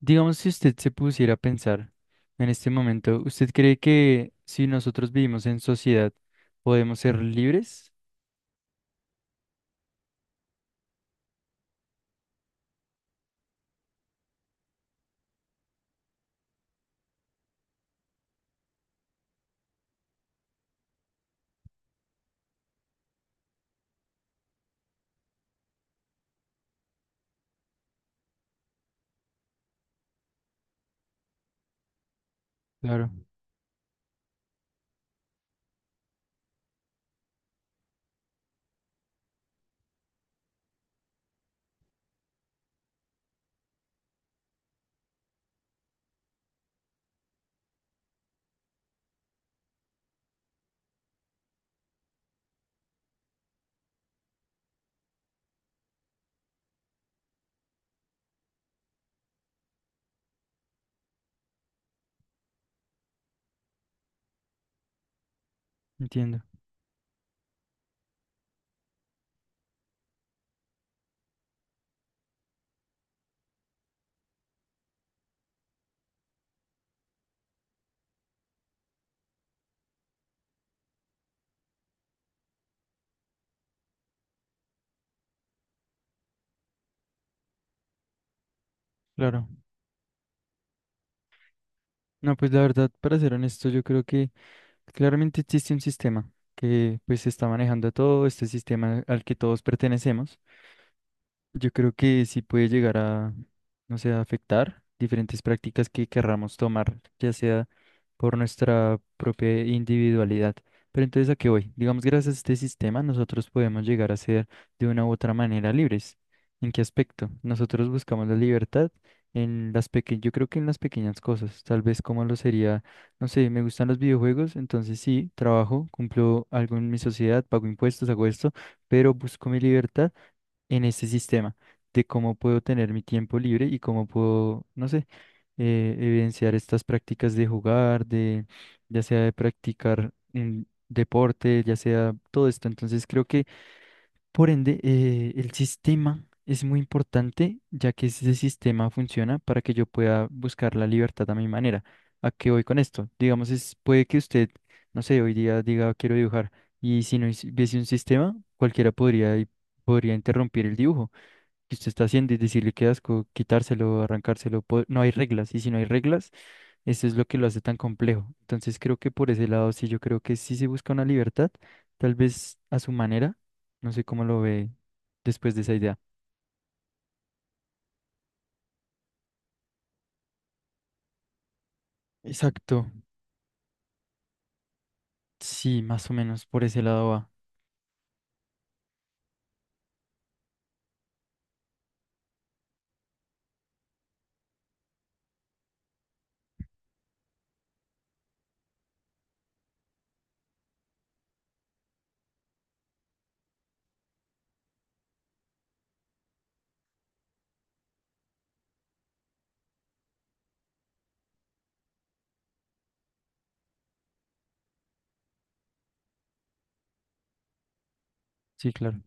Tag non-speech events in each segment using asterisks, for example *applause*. Digamos, si usted se pusiera a pensar en este momento, ¿usted cree que si nosotros vivimos en sociedad, podemos ser libres? Claro, entiendo, claro. No, pues la verdad, para ser honesto, yo creo que claramente existe un sistema que pues está manejando todo este sistema al que todos pertenecemos. Yo creo que sí puede llegar a, no sé, a afectar diferentes prácticas que querramos tomar, ya sea por nuestra propia individualidad. Pero entonces, ¿a qué voy? Digamos, gracias a este sistema, nosotros podemos llegar a ser de una u otra manera libres. ¿En qué aspecto? Nosotros buscamos la libertad en las pequeñas, yo creo que en las pequeñas cosas, tal vez como lo sería, no sé, me gustan los videojuegos, entonces sí, trabajo, cumplo algo en mi sociedad, pago impuestos, hago esto, pero busco mi libertad en este sistema de cómo puedo tener mi tiempo libre y cómo puedo, no sé, evidenciar estas prácticas de jugar, de ya sea de practicar un deporte, ya sea todo esto. Entonces creo que, por ende, el sistema es muy importante, ya que ese sistema funciona para que yo pueda buscar la libertad a mi manera. ¿A qué voy con esto? Digamos, puede que usted, no sé, hoy día diga quiero dibujar y si no hubiese un sistema, cualquiera podría interrumpir el dibujo que usted está haciendo y decirle qué asco, quitárselo, arrancárselo. No hay reglas, y si no hay reglas, eso es lo que lo hace tan complejo. Entonces creo que por ese lado sí, yo creo que sí se busca una libertad, tal vez a su manera, no sé cómo lo ve después de esa idea. Exacto, sí, más o menos por ese lado va. Sí, claro,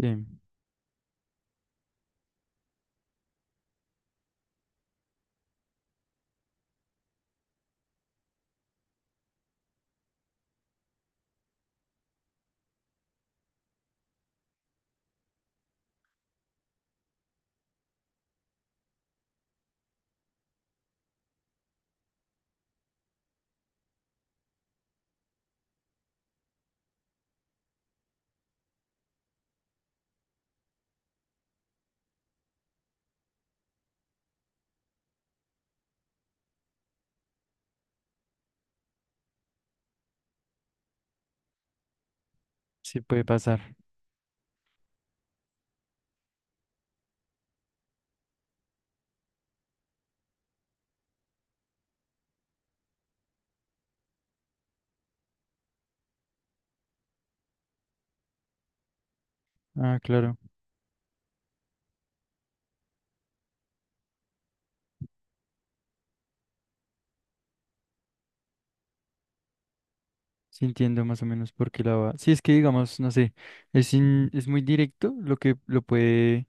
sí, sí puede pasar. Ah, claro. Sí, entiendo más o menos por qué la va. Sí, es que digamos, no sé, es muy directo lo que lo puede,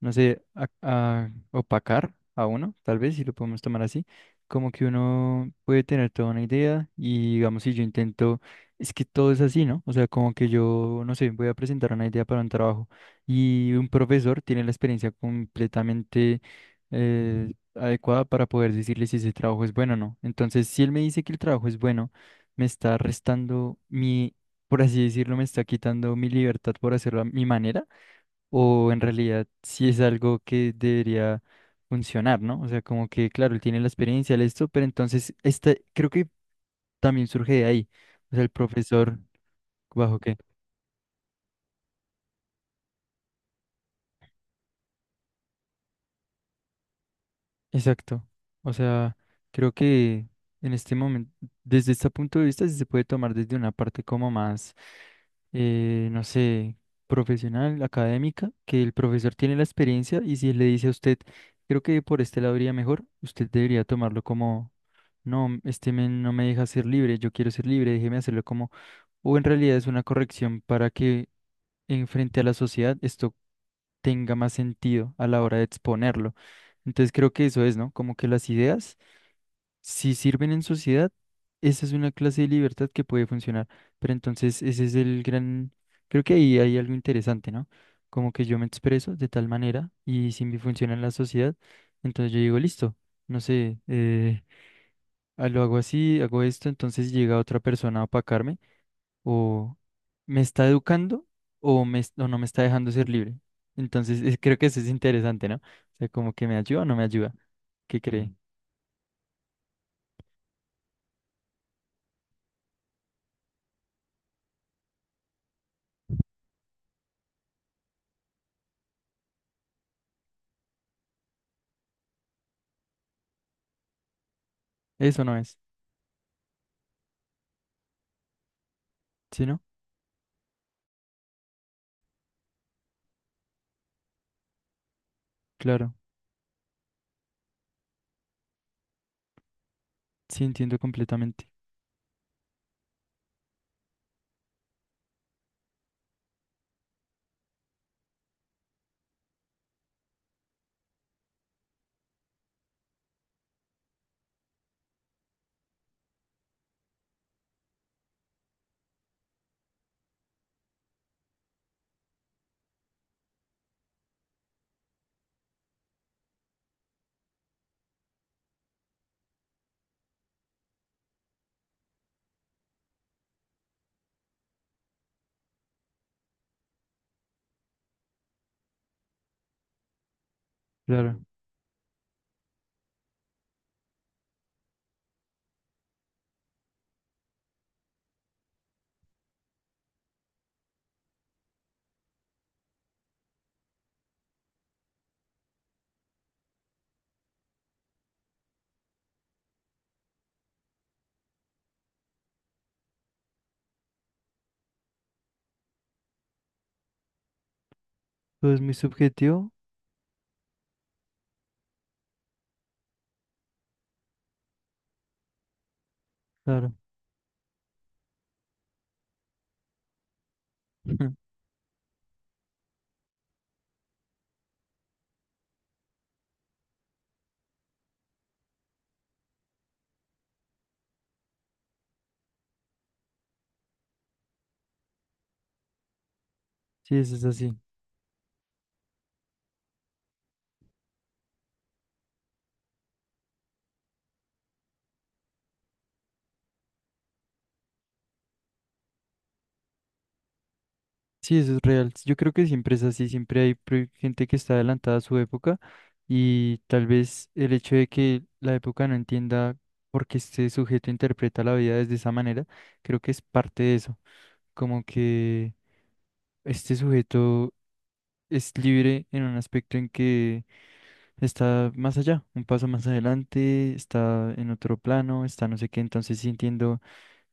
no sé, opacar a uno, tal vez, si lo podemos tomar así. Como que uno puede tener toda una idea y digamos, si yo intento, es que todo es así, ¿no? O sea, como que yo, no sé, voy a presentar una idea para un trabajo y un profesor tiene la experiencia completamente adecuada para poder decirle si ese trabajo es bueno o no. Entonces, si él me dice que el trabajo es bueno, me está restando mi, por así decirlo, me está quitando mi libertad por hacerlo a mi manera, o en realidad si es algo que debería funcionar, ¿no? O sea, como que, claro, él tiene la experiencia, de esto, pero entonces, este, creo que también surge de ahí, o sea, el profesor, ¿bajo qué? Exacto. O sea, creo que en este momento, desde este punto de vista, sí se puede tomar desde una parte como más, no sé, profesional, académica, que el profesor tiene la experiencia y si le dice a usted, creo que por este lado iría mejor, usted debería tomarlo como, no, este men no me deja ser libre, yo quiero ser libre, déjeme hacerlo como, o en realidad es una corrección para que enfrente a la sociedad esto tenga más sentido a la hora de exponerlo. Entonces creo que eso es, ¿no? Como que las ideas, si sirven en sociedad, esa es una clase de libertad que puede funcionar. Pero entonces ese es el gran, creo que ahí hay algo interesante, ¿no? Como que yo me expreso de tal manera y si me funciona en la sociedad, entonces yo digo, listo, no sé, ah, lo hago así, hago esto, entonces llega otra persona a opacarme o me está educando o no me está dejando ser libre. Entonces, creo que eso es interesante, ¿no? O sea, como que me ayuda o no me ayuda. ¿Qué cree? Ujú. Eso no es. ¿Sí, no? Claro. Sí, entiendo completamente. Claro. Todo es muy subjetivo. Claro. *laughs* Sí, eso es así. Sí, eso es real. Yo creo que siempre es así. Siempre hay gente que está adelantada a su época y tal vez el hecho de que la época no entienda por qué este sujeto interpreta la vida desde esa manera, creo que es parte de eso. Como que este sujeto es libre en un aspecto en que está más allá, un paso más adelante, está en otro plano, está no sé qué, entonces sí entiendo,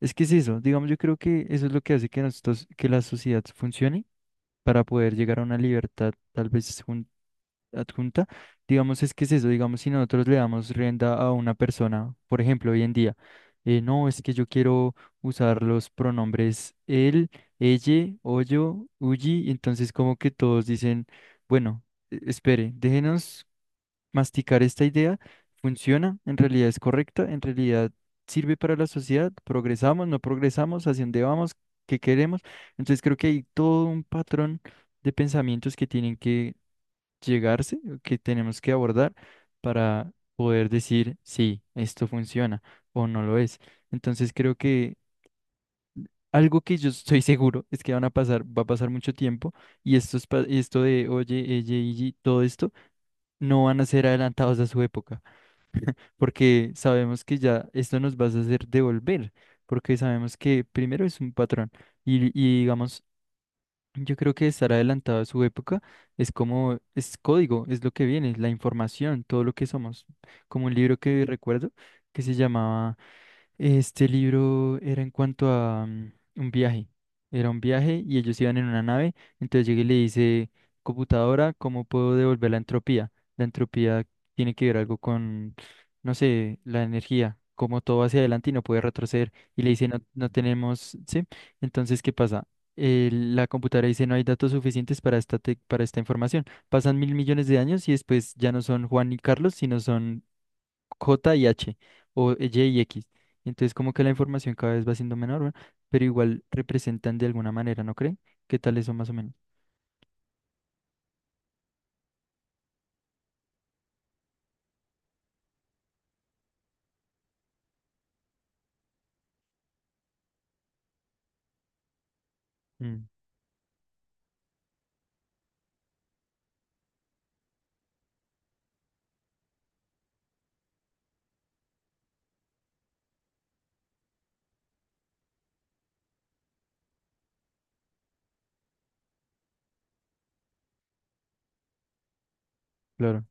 es que es eso, digamos, yo creo que eso es lo que hace que nosotros, que la sociedad funcione para poder llegar a una libertad tal vez adjunta, digamos, es que es eso, digamos, si nosotros le damos rienda a una persona, por ejemplo, hoy en día, no, es que yo quiero usar los pronombres él, ella, o yo, uyi, y entonces como que todos dicen, bueno, espere, déjenos masticar esta idea, funciona, en realidad es correcta, en realidad sirve para la sociedad, progresamos, no progresamos, hacia dónde vamos, qué queremos, entonces creo que hay todo un patrón de pensamientos que tienen que llegarse, que tenemos que abordar para poder decir si esto funciona o no lo es. Entonces creo que algo que yo estoy *laughs* seguro es que van a pasar, va a pasar mucho tiempo y esto, y esto de oye, ella y todo esto no van a ser adelantados a su época, porque sabemos que ya esto nos va a hacer devolver, porque sabemos que primero es un patrón y digamos. Yo creo que estar adelantado a su época es como, es código, es lo que viene, es la información, todo lo que somos. Como un libro que recuerdo que se llamaba este libro era en cuanto a un viaje. Era un viaje y ellos iban en una nave. Entonces llega y le dice, computadora, ¿cómo puedo devolver la entropía? La entropía tiene que ver algo con, no sé, la energía, como todo va hacia adelante y no puede retroceder. Y le dice, no, no tenemos, ¿sí? Entonces, ¿qué pasa? La computadora dice, no hay datos suficientes para esta, para esta información. Pasan 1.000.000.000 de años y después ya no son Juan y Carlos, sino son J y H o Y y X. Entonces como que la información cada vez va siendo menor, ¿verdad? Pero igual representan de alguna manera, ¿no creen? ¿Qué tal eso más o menos? Mm, claro.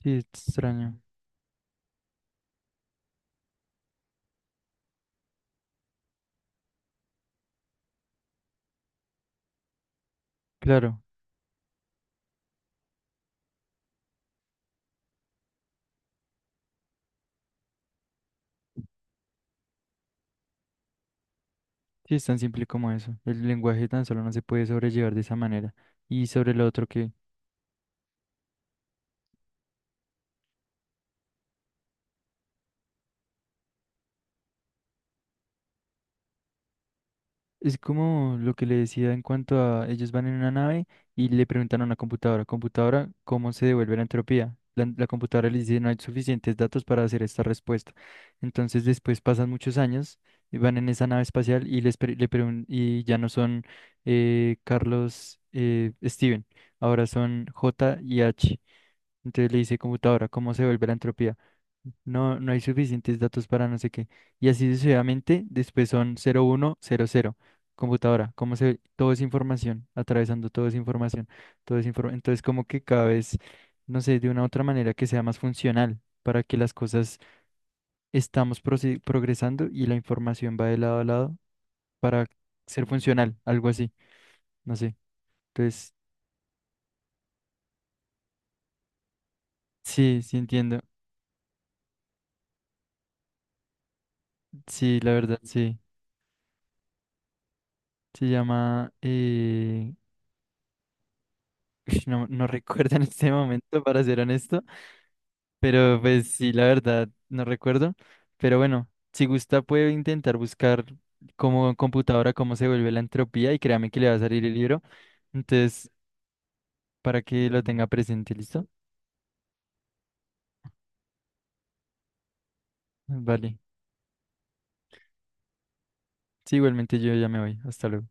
Sí, es extraño. Claro. Sí, es tan simple como eso. El lenguaje tan solo no se puede sobrellevar de esa manera. Y sobre lo otro que... Es como lo que le decía en cuanto a ellos van en una nave y le preguntan a una computadora, computadora, ¿cómo se devuelve la entropía? La computadora les dice, no hay suficientes datos para hacer esta respuesta. Entonces después pasan muchos años y van en esa nave espacial y, les pre- le pregun- y ya no son Carlos, Steven, ahora son J y H. Entonces le dice computadora, ¿cómo se vuelve la entropía? No, no hay suficientes datos para no sé qué. Y así sucesivamente, después son 0100. Computadora, ¿cómo se? Todo es información, atravesando todo es información, todo es Entonces, como que cada vez, no sé, de una u otra manera que sea más funcional para que las cosas estamos progresando y la información va de lado a lado para ser funcional, algo así, no sé. Entonces, sí, sí entiendo. Sí, la verdad, sí. Se llama Ush, no, no *laughs* recuerdo en este momento, para ser honesto, pero pues sí, la verdad, no recuerdo. Pero bueno, si gusta puede intentar buscar como computadora cómo se vuelve la entropía y créame que le va a salir el libro. Entonces, para que lo tenga presente, ¿listo? Vale. Sí, igualmente yo ya me voy. Hasta luego.